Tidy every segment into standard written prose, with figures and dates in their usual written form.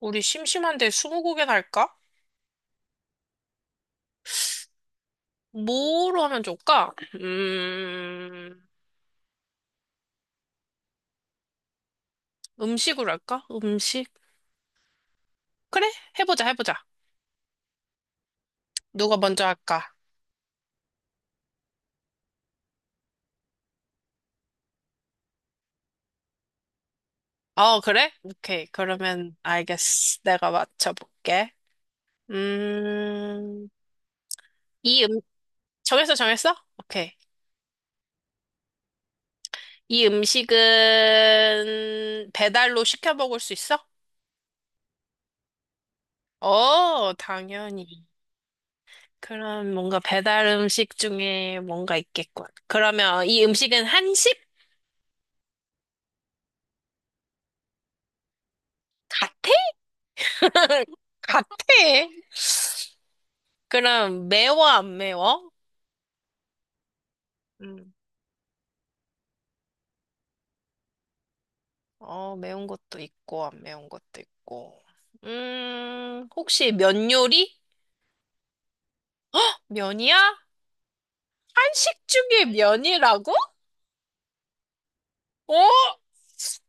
우리 심심한데 스무고개나 할까? 뭐로 하면 좋을까? 음식으로 할까? 음식? 그래? 해보자, 해보자. 누가 먼저 할까? 어, 그래? 오케이. 그러면 알겠어. 내가 맞춰볼게. 음, 이 정했어, 정했어? 오케이. 이 음식은 배달로 시켜 먹을 수 있어? 어, 당연히. 그럼 뭔가 배달 음식 중에 뭔가 있겠군. 그러면 이 음식은 한식 같아? 같아. 그럼 매워 안 매워? 음. 어, 매운 것도 있고 안 매운 것도 있고. 혹시 면 요리? 면이야? 한식 중에 면이라고? 어?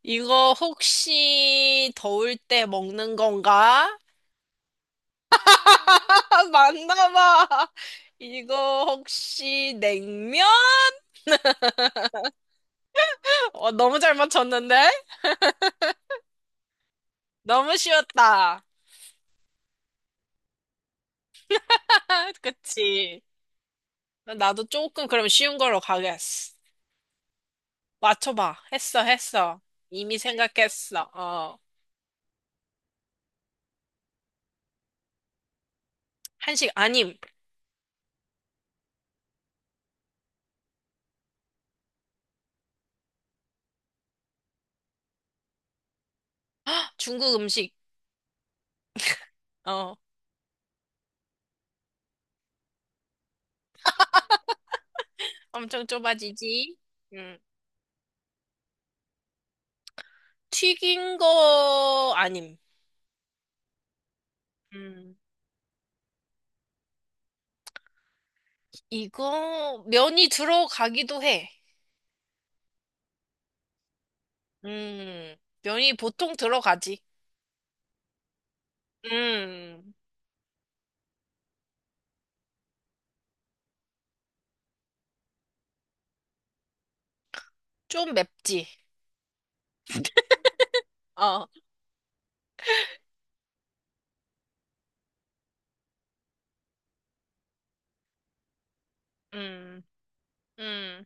이거 혹시 더울 때 먹는 건가? 맞나 봐. 이거 혹시 냉면? 어, 너무 잘 맞췄는데? 너무 쉬웠다. 그치? 나도 조금 그럼 쉬운 걸로 가겠어. 맞춰봐. 했어, 했어. 이미 생각했어. 어. 한식 아님. 중국 음식. 어. 엄청 좁아지지. 음. 튀긴 거 아님. 음. 이거 면이 들어가기도 해. 음. 면이 보통 들어가지. 음. 좀 맵지. 어. 음. 음.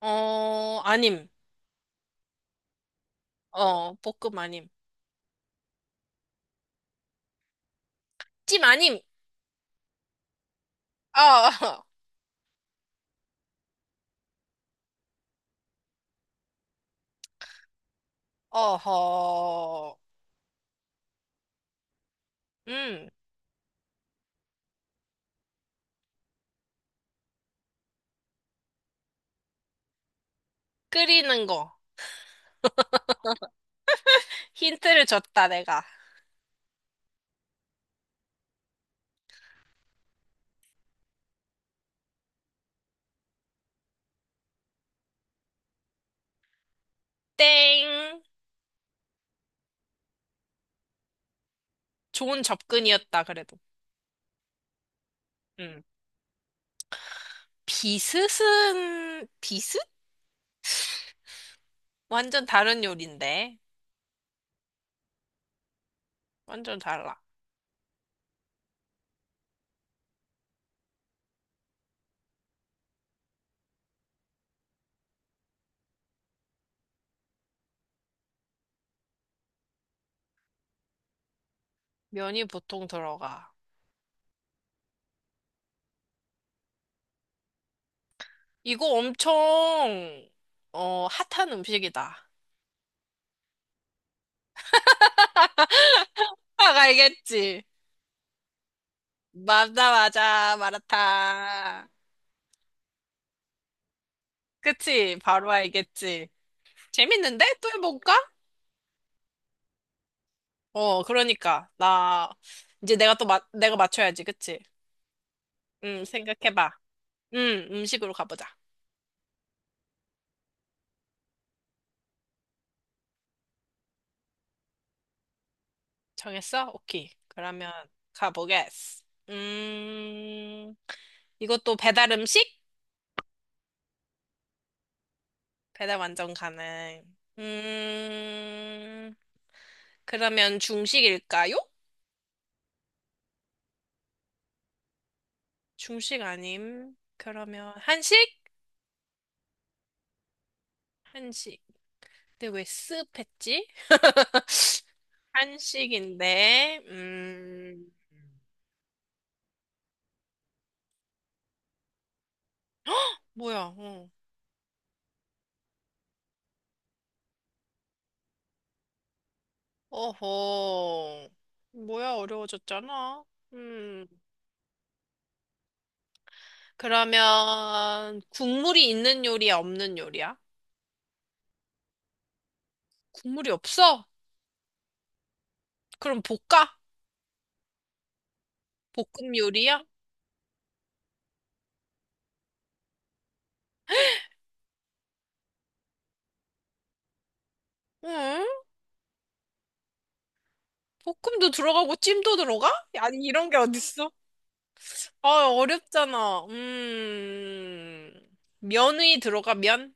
어, 아님. 어, 볶음 아님. 찜 아님. 어. 어허. 음. 끓이는 거. 힌트를 줬다, 내가. 땡. 좋은 접근이었다, 그래도. 음. 비스은, 비스? 완전 다른 요리인데. 완전 달라. 면이 보통 들어가. 이거 엄청, 핫한 음식이다. 딱 알겠지? 맞아, 맞아, 마라탕. 그치? 바로 알겠지? 재밌는데? 또 해볼까? 어, 그러니까. 나, 이제 내가 또, 내가 맞춰야지, 그치? 응, 생각해봐. 음식으로 가보자. 정했어? 오케이. 그러면 가보겠어. 음, 이것도 배달 음식? 배달 완전 가능. 음, 그러면 중식일까요? 중식 아님. 그러면 한식? 한식. 근데 왜 습했지? 한식인데, 뭐야, 어. 어허. 뭐야, 어려워졌잖아. 음. 그러면 국물이 있는 요리야, 없는 요리야? 국물이 없어? 그럼 볶아? 볶음 요리야? 응? 볶음도 들어가고 찜도 들어가? 아니, 이런 게 어딨어? 아, 어렵잖아. 음. 면이 들어가, 면?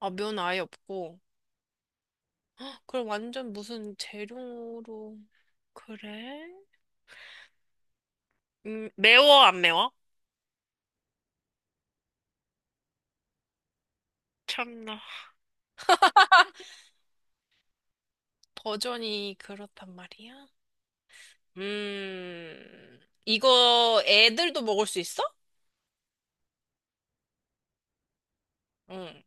아, 면 아예 없고. 그럼 완전 무슨 재료로. 그래? 매워, 안 매워? 참나. 버전이 그렇단 말이야? 음. 이거 애들도 먹을 수 있어? 응.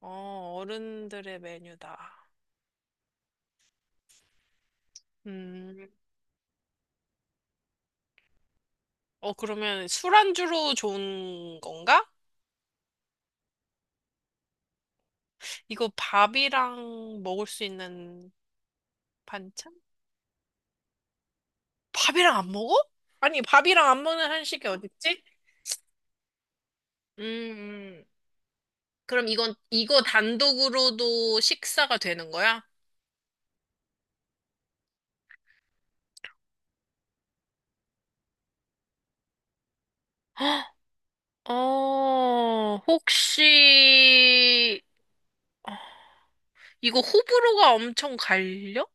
어, 어른들의 메뉴다. 음. 어, 그러면 술안주로 좋은 건가? 이거 밥이랑 먹을 수 있는 반찬? 밥이랑 안 먹어? 아니, 밥이랑 안 먹는 한식이 어딨지? 음, 음. 그럼 이거 단독으로도 식사가 되는 거야? 혹시, 이거 호불호가 엄청 갈려?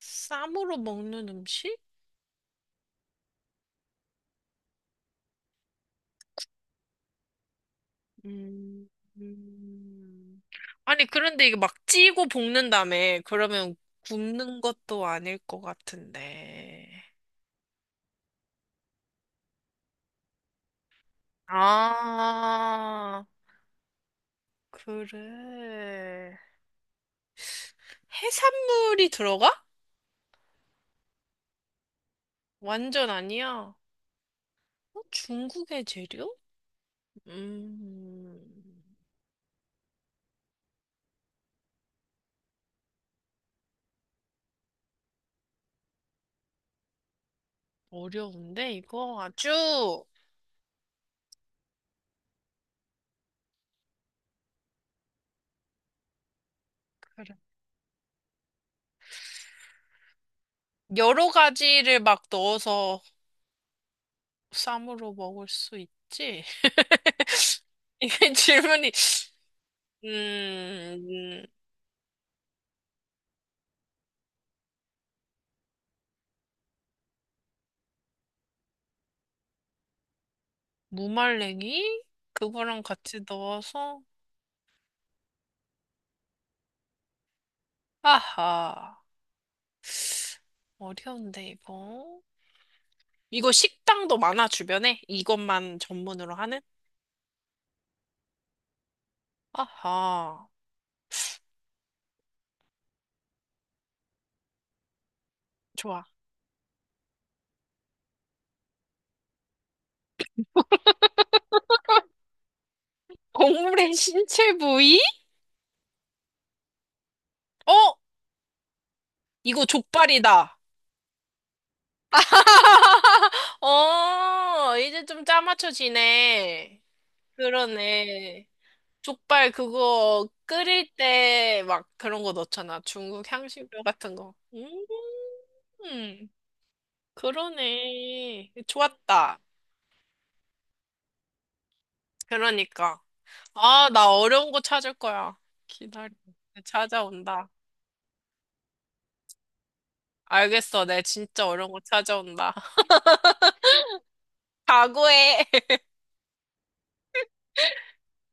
쌈으로 먹는 음식? 음, 음. 아니, 그런데 이게 막 찌고 볶는다며. 그러면 굽는 것도 아닐 것 같은데. 아, 그래. 해산물이 들어가? 완전 아니야. 어? 중국의 재료? 음, 어려운데, 이거 아주. 그래. 여러 가지를 막 넣어서 쌈으로 먹을 수 있지? 이게 질문이 음, 무말랭이? 그거랑 같이 넣어서, 아하, 어려운데, 이거. 이거 식당도 많아, 주변에? 이것만 전문으로 하는? 아하, 좋아. 동물의 신체 부위? 어? 이거 족발이다. 어, 이제 좀 짜맞춰지네. 그러네. 족발 그거 끓일 때 막 그런 거 넣잖아. 중국 향신료 같은 거. 음, 그러네. 좋았다. 그러니까. 아, 나 어려운 거 찾을 거야. 기다려. 찾아온다. 알겠어. 내 진짜 어려운 거 찾아온다. 각오해.